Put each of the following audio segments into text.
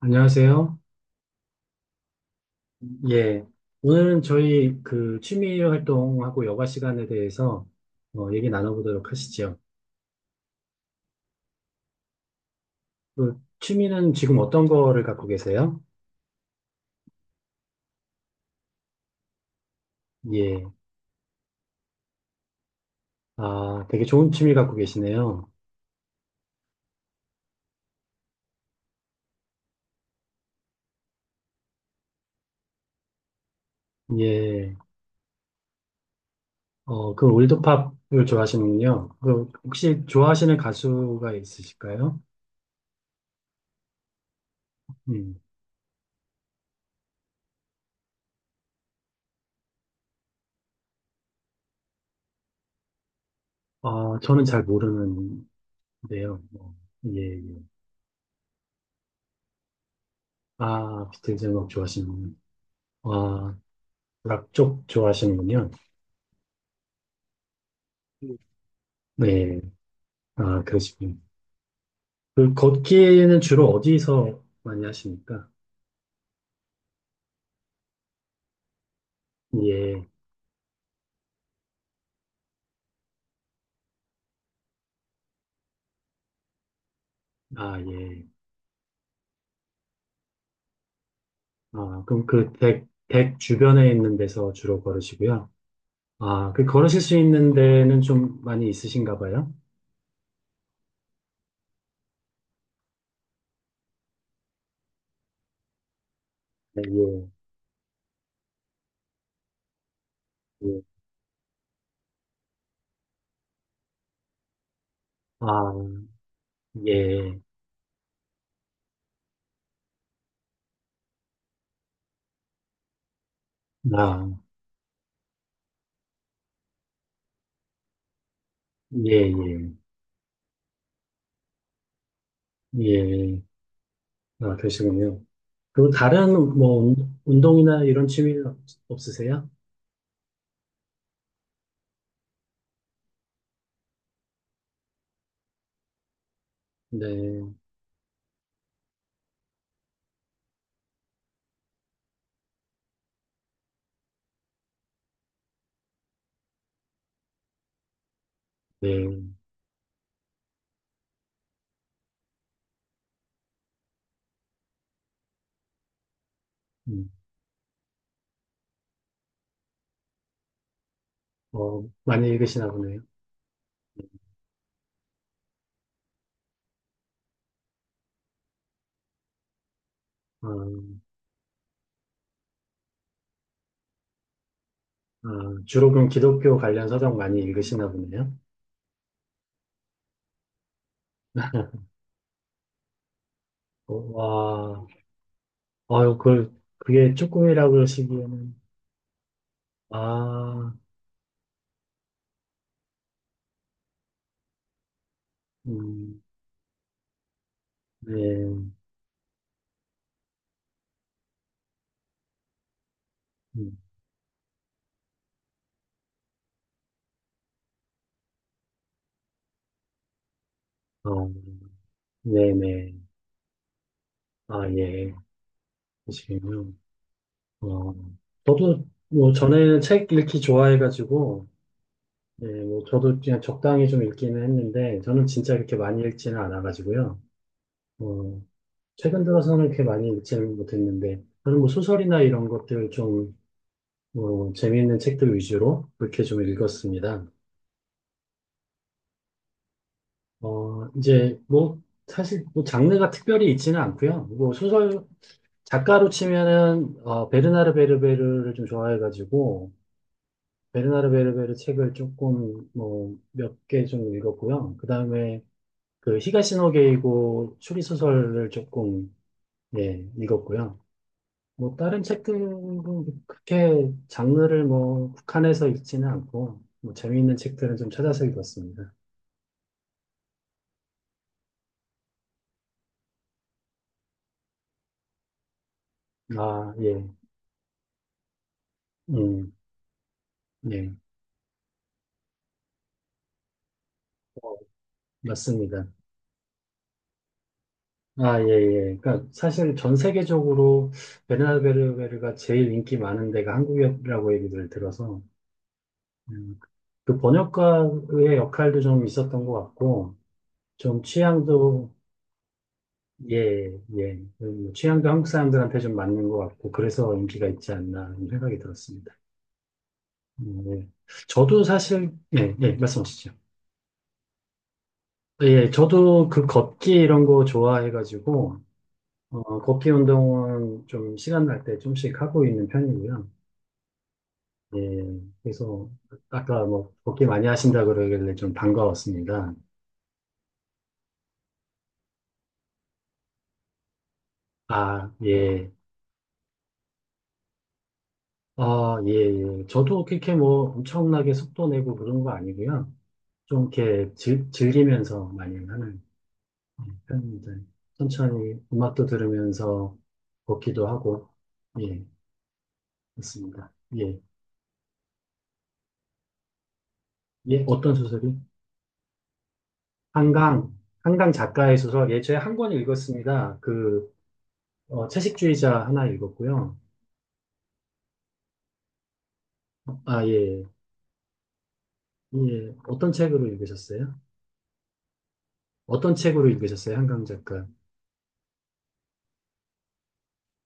안녕하세요. 예. 오늘은 저희 그 취미 활동하고 여가 시간에 대해서 어, 얘기 나눠보도록 하시죠. 그 취미는 지금 어떤 거를 갖고 계세요? 예. 아, 되게 좋은 취미 갖고 계시네요. 예. 어, 그 올드팝을 좋아하시는군요. 그 혹시 좋아하시는 가수가 있으실까요? 음. 아, 저는 잘 모르는데요. 뭐, 예, 예. 아, 비틀즈 음악 좋아하시는군요. 아, 락 쪽 좋아하시는군요. 네. 아, 그러시군요. 그 걷기는 주로 어디서 많이 하십니까? 예. 아, 예. 아, 그럼 그 댁 주변에 있는 데서 주로 걸으시고요. 아, 그 걸으실 수 있는 데는 좀 많이 있으신가 봐요? 네, 예. 예. 아, 예. 아, 예, 예. 예. 아, 그러시군요. 그리고 다른 뭐 운동이나 이런 취미 없- 없으세요? 네. 네. 음. 어, 많이 읽으시나 보네요. 아, 아, 주로 그럼 기독교 관련 서적 많이 읽으시나 보네요. 어, 와, 아유, 그, 그게 조금이라고 그러시기에는, 아, 음, 네, 음, 어, 네네, 아, 예, 그러시군요. 어, 저도 뭐 전에는 책 읽기 좋아해가지고, 예, 뭐 저도 그냥 적당히 좀 읽기는 했는데, 저는 진짜 그렇게 많이 읽지는 않아가지고요. 어, 최근 들어서는 그렇게 많이 읽지는 못했는데, 저는 뭐 소설이나 이런 것들 좀 뭐 재미있는 책들 위주로 그렇게 좀 읽었습니다. 어, 이제 뭐 사실 뭐 장르가 특별히 있지는 않고요. 뭐 소설 작가로 치면은 어, 베르나르 베르베르를 좀 좋아해가지고 베르나르 베르베르 책을 조금 뭐 몇 개 좀 읽었고요. 그다음에 그 히가시노게이고 추리소설을 조금 예, 읽었고요. 뭐 다른 책들은 그렇게 장르를 뭐 국한해서 읽지는 않고 뭐 재미있는 책들은 좀 찾아서 읽었습니다. 아, 예, 음, 예, 어, 맞습니다. 아, 예, 예. 그러니까 사실 전 세계적으로 베르나베르베르가 제일 인기 많은 데가 한국이라고 얘기를 들어서 음, 그 번역가의 역할도 좀 있었던 것 같고 좀 취향도 예, 예, 뭐 취향도 한국 사람들한테 좀 맞는 것 같고 그래서 인기가 있지 않나 하는 생각이 들었습니다. 예. 저도 사실 예, 예, 말씀하시죠. 예, 저도 그 걷기 이런 거 좋아해가지고. 어, 걷기 운동은 좀 시간 날 때 좀씩 하고 있는 편이고요. 예, 그래서 아까 뭐 걷기 많이 하신다 그러길래 좀 반가웠습니다. 아, 예. 아, 예, 예. 저도 그렇게 뭐 엄청나게 속도 내고 그런 거 아니고요. 좀 이렇게 즐기면서 많이 하는 편입니다. 천천히 음악도 들으면서 걷기도 하고, 예, 그렇습니다. 예, 예, 어떤 소설이? 한강. 한강 작가의 소설, 예, 저에 한 권 읽었습니다. 그, 어, 채식주의자 하나 읽었고요. 아, 예. 예. 어떤 책으로 읽으셨어요? 어떤 책으로 읽으셨어요? 한강 작가.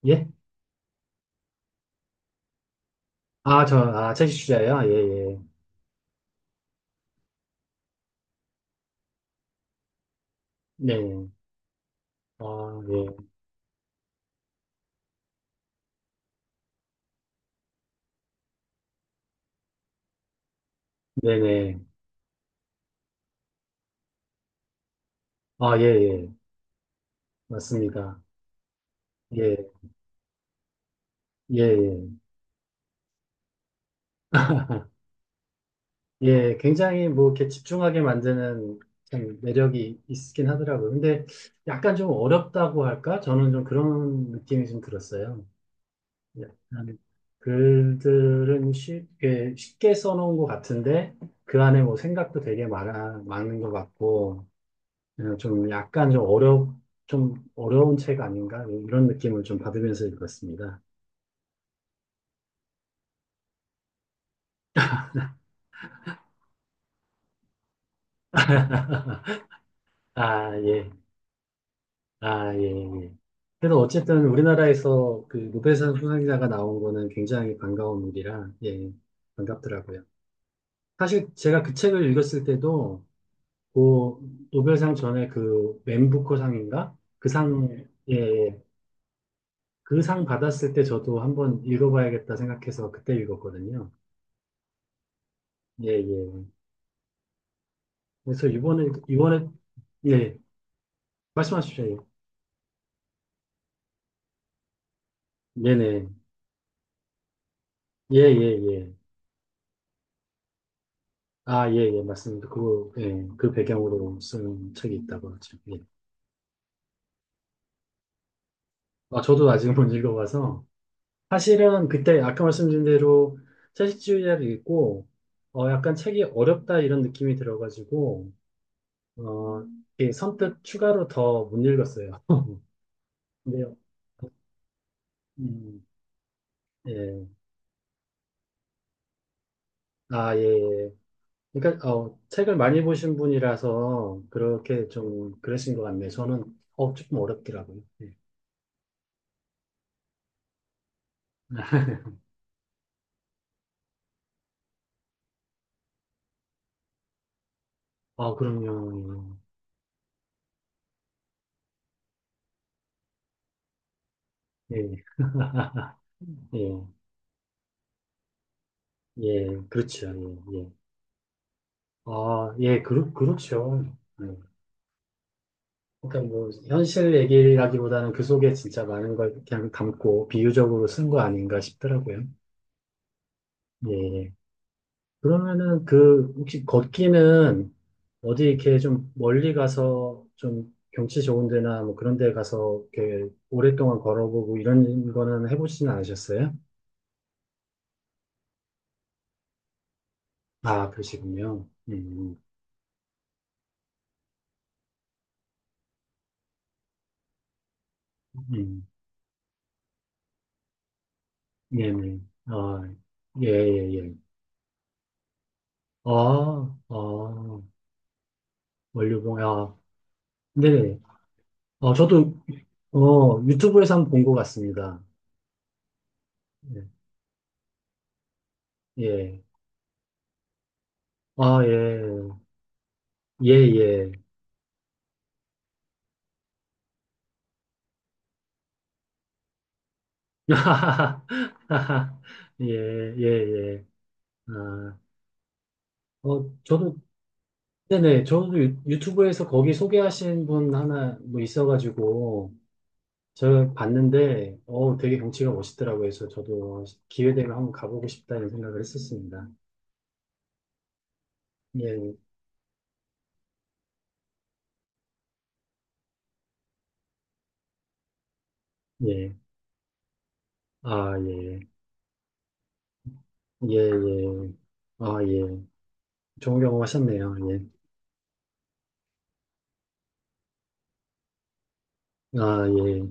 예? 아, 저, 아, 채식주의자예요? 아, 예, 예. 네. 아, 예. 네네. 아, 예, 예. 맞습니다. 예, 예, 예. 예, 굉장히 뭐 이렇게 집중하게 만드는 참 매력이 있긴 하더라고요. 근데 약간 좀 어렵다고 할까? 저는 좀 그런 느낌이 좀 들었어요. 약간 글들은 쉽게, 쉽게 써놓은 것 같은데, 그 안에 뭐 생각도 되게 많은 것 같고, 어, 좀 약간 좀 어려운 책 아닌가? 이런 느낌을 좀 받으면서 읽었습니다. 아, 예. 아, 예, 예. 그래도 어쨌든 우리나라에서 그 노벨상 수상자가 나온 거는 굉장히 반가운 일이라, 예, 반갑더라고요. 사실 제가 그 책을 읽었을 때도, 그 노벨상 전에 그 맨부커 상인가? 그 상, 예. 예, 예. 그 상 받았을 때 저도 한번 읽어봐야겠다 생각해서 그때 읽었거든요. 예, 예. 그래서 이번에, 예, 말씀하십시오. 예. 네네. 예, 예, 예. 아, 예, 예, 맞습니다. 그, 예, 그 배경으로 쓴 책이 있다고 하죠. 예. 아, 저도 아직 못 읽어봐서. 사실은 그때 아까 말씀드린 대로 채식주의자를 읽고, 어, 약간 책이 어렵다 이런 느낌이 들어가지고, 어, 예, 선뜻 추가로 더 못 읽었어요. 근데요, 음, 예, 아, 예, 예. 그러니까, 어, 책을 많이 보신 분이라서 그렇게 좀 그러신 것 같네요. 저는, 어, 조금 어렵더라고요. 예. 아, 그럼요. 예, 예, 예, 예, 그렇죠. 예, 예. 아, 예, 그렇죠. 예. 그러니까 뭐, 현실 얘기라기보다는 그 속에 진짜 많은 걸 그냥 담고 비유적으로 쓴 거 아닌가 싶더라고요. 예, 예. 그러면은 그 혹시 걷기는 어디 이렇게 좀 멀리 가서 좀 경치 좋은 데나 뭐 그런 데 가서 이렇게 오랫동안 걸어보고 이런 거는 해보시진 않으셨어요? 아, 그러시군요. 음, 네, 네. 아, 예, 예, 예. 아, 아, 원료봉, 아, 네네. 아, 저도, 어, 유튜브에서 한 번 본 것 같습니다. 예, 예. 아, 예, 예, 예. 예, 예, 예. 아, 어, 저도, 네네, 저도 유튜브에서 거기 소개하신 분 하나 뭐 있어가지고, 제가 봤는데, 어, 되게 경치가 멋있더라고요. 그래서 저도 기회 되면 한번 가보고 싶다는 생각을 했었습니다. 예, 예. 아, 예. 예, 예. 아, 예. 좋은 경험 하셨네요. 예. 아, 예.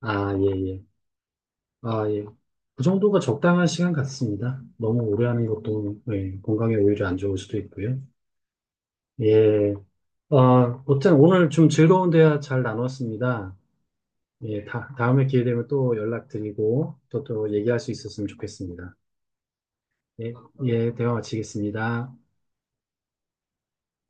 아, 예, 예. 아, 예. 그 정도가 적당한 시간 같습니다. 너무 오래 하는 것도 예, 건강에 오히려 안 좋을 수도 있고요. 예. 어, 어쨌든 오늘 좀 즐거운 대화 잘 나눴습니다. 예, 다음에 기회 되면 또 연락드리고 또 또 얘기할 수 있었으면 좋겠습니다. 예, 예, 대화 마치겠습니다.